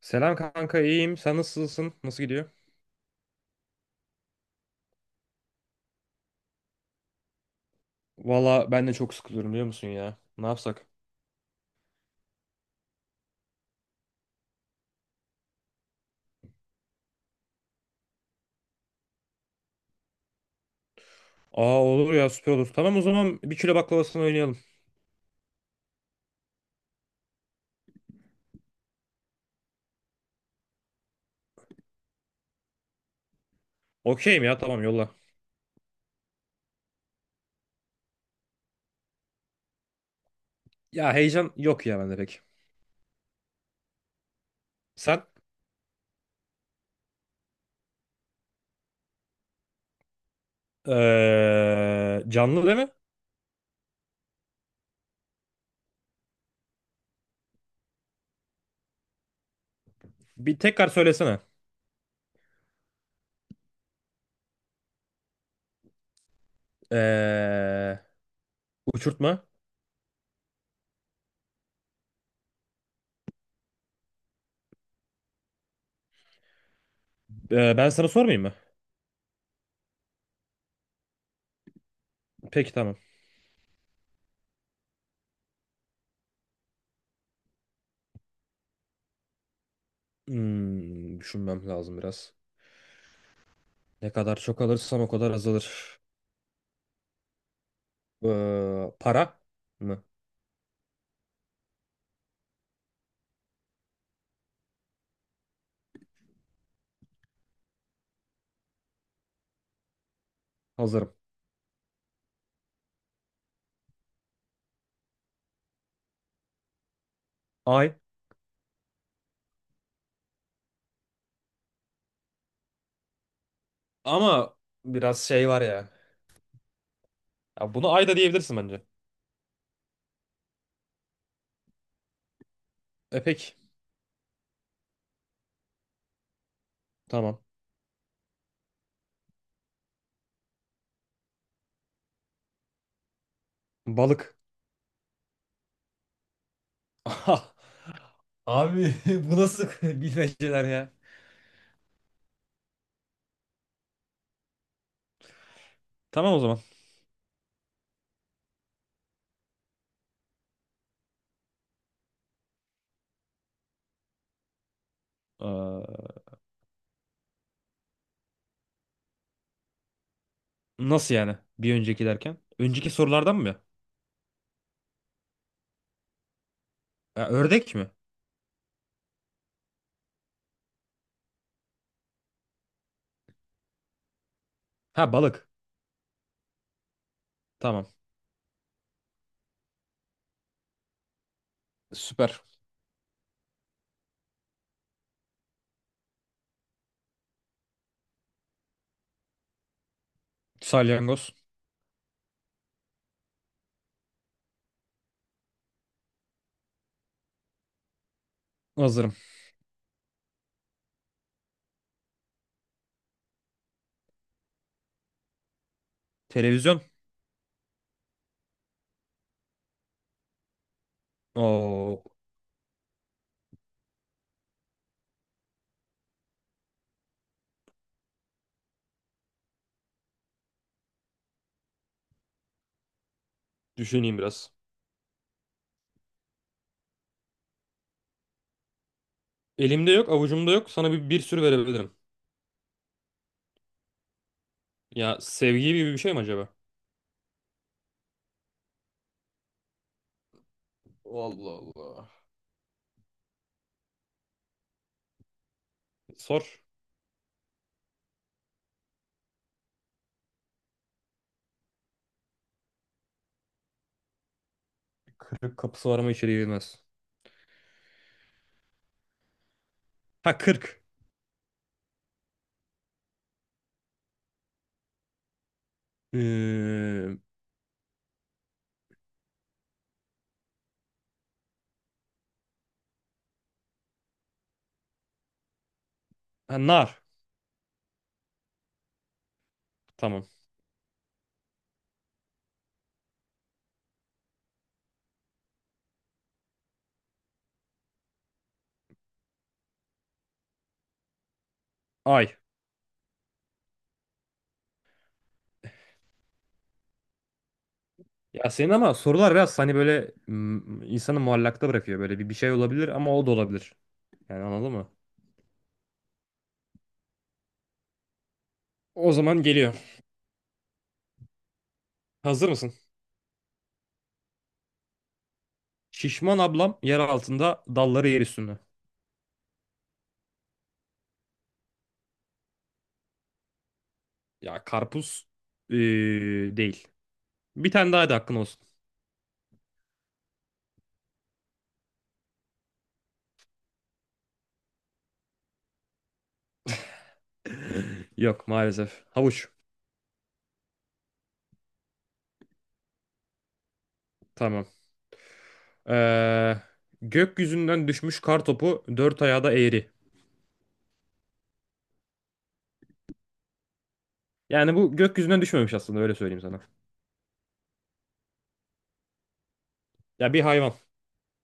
Selam kanka iyiyim. Sen nasılsın? Nasıl gidiyor? Valla ben de çok sıkılıyorum biliyor musun ya? Ne yapsak? Aa olur ya süper olur. Tamam o zaman bir kilo baklavasını oynayalım. Okeyim ya tamam yolla. Ya heyecan yok ya bende pek. Sen canlı değil mi? Bir tekrar söylesene. Eee Uçurtma. Ben sana sormayayım mı? Peki tamam. Düşünmem lazım biraz. Ne kadar çok alırsam o kadar azalır. Para mı? Hazırım. Ay. Ama biraz şey var ya. Ya bunu ayda diyebilirsin bence. Epek. Tamam. Balık. Aha. Abi bu nasıl bilmeceler ya? Tamam o zaman. Ee, Nasıl yani? Bir önceki derken. Önceki sorulardan mı? Ya, ördek mi? Ha balık. Tamam. Süper. Salyangoz. Hazırım. Televizyon. Oo. Düşüneyim biraz. Elimde yok, avucumda yok. Sana bir sürü verebilirim. Ya sevgi gibi bir şey mi acaba? Allah Allah. Sor. Kırık kapısı var ama içeri girmez. Ha 40. Ee, ha, nar. Tamam. Ay. Ya senin ama sorular biraz hani böyle insanı muallakta bırakıyor. Böyle bir şey olabilir ama o da olabilir. Yani anladın mı? O zaman geliyor. Hazır mısın? Şişman ablam yer altında dalları yer üstünde. Ya karpuz ee, değil. Bir tane daha da hakkın olsun. Yok maalesef. Havuç. Tamam. Ee, Gökyüzünden düşmüş kar topu dört ayağı da eğri. Yani bu gökyüzünden düşmemiş aslında öyle söyleyeyim sana. Ya bir hayvan.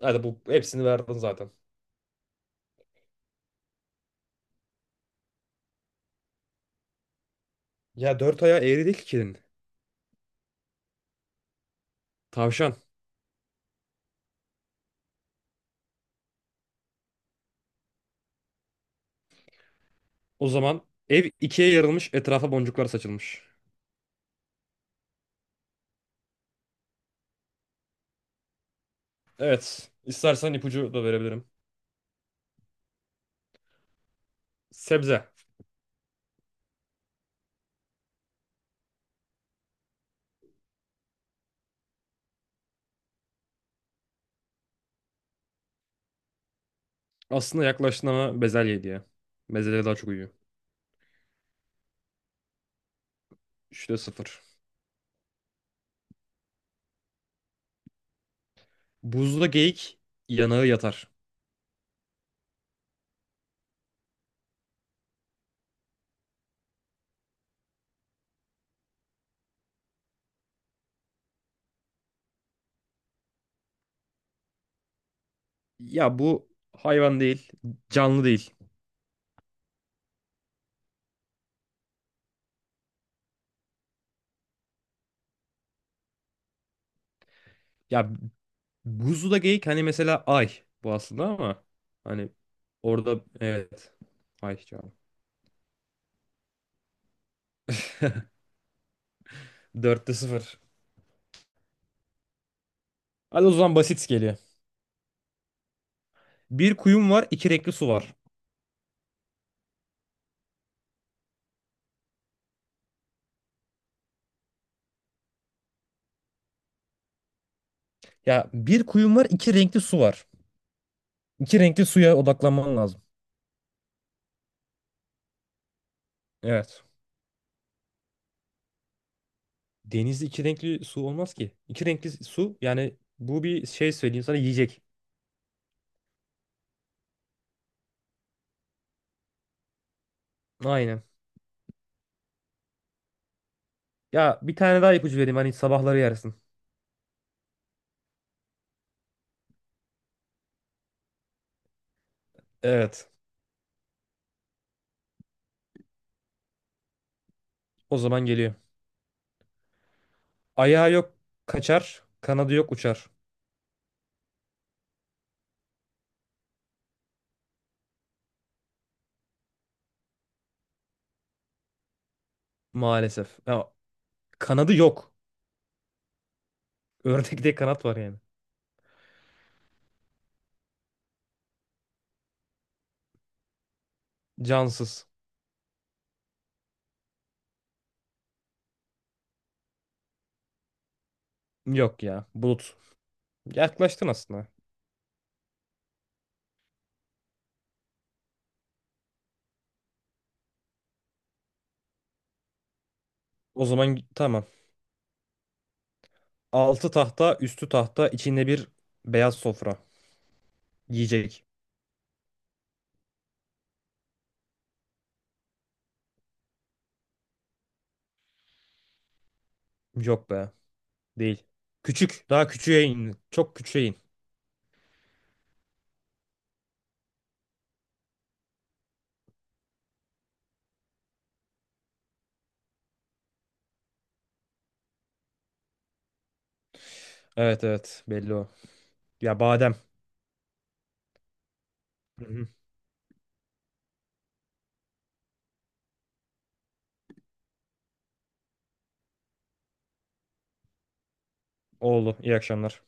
Hadi bu hepsini verdin zaten. Ya dört ayağı eğri değil ki kedinin. Tavşan. O zaman ev ikiye yarılmış, etrafa boncuklar saçılmış. Evet. İstersen ipucu da verebilirim. Sebze. Aslında yaklaştın ama bezelye diye. Bezelye daha çok uyuyor. Üçte sıfır. Buzda geyik yanağı yatar. Ya bu hayvan değil. Canlı değil. Ya buzda geyik hani mesela ay bu aslında ama hani orada evet. Ay canım. Dörtte sıfır. Hadi o zaman basit geliyor. Bir kuyum var, iki renkli su var. Ya bir kuyum var, iki renkli su var. İki renkli suya odaklanman lazım. Evet. Denizde iki renkli su olmaz ki. İki renkli su yani bu bir şey söyleyeyim sana yiyecek. Aynen. Ya bir tane daha ipucu vereyim hani sabahları yersin. Evet. O zaman geliyor. Ayağı yok kaçar, kanadı yok uçar. Maalesef. Ya, kanadı yok. Ördekte kanat var yani. Cansız. Yok ya. Bulut. Yaklaştın aslında. O zaman tamam. Altı tahta, üstü tahta, içinde bir beyaz sofra. Yiyecek. Yok be. Değil. Küçük. Daha küçüğe in. Çok küçüğe in. Evet evet. Belli o. Ya badem. Hı hı. Oğlu. İyi akşamlar.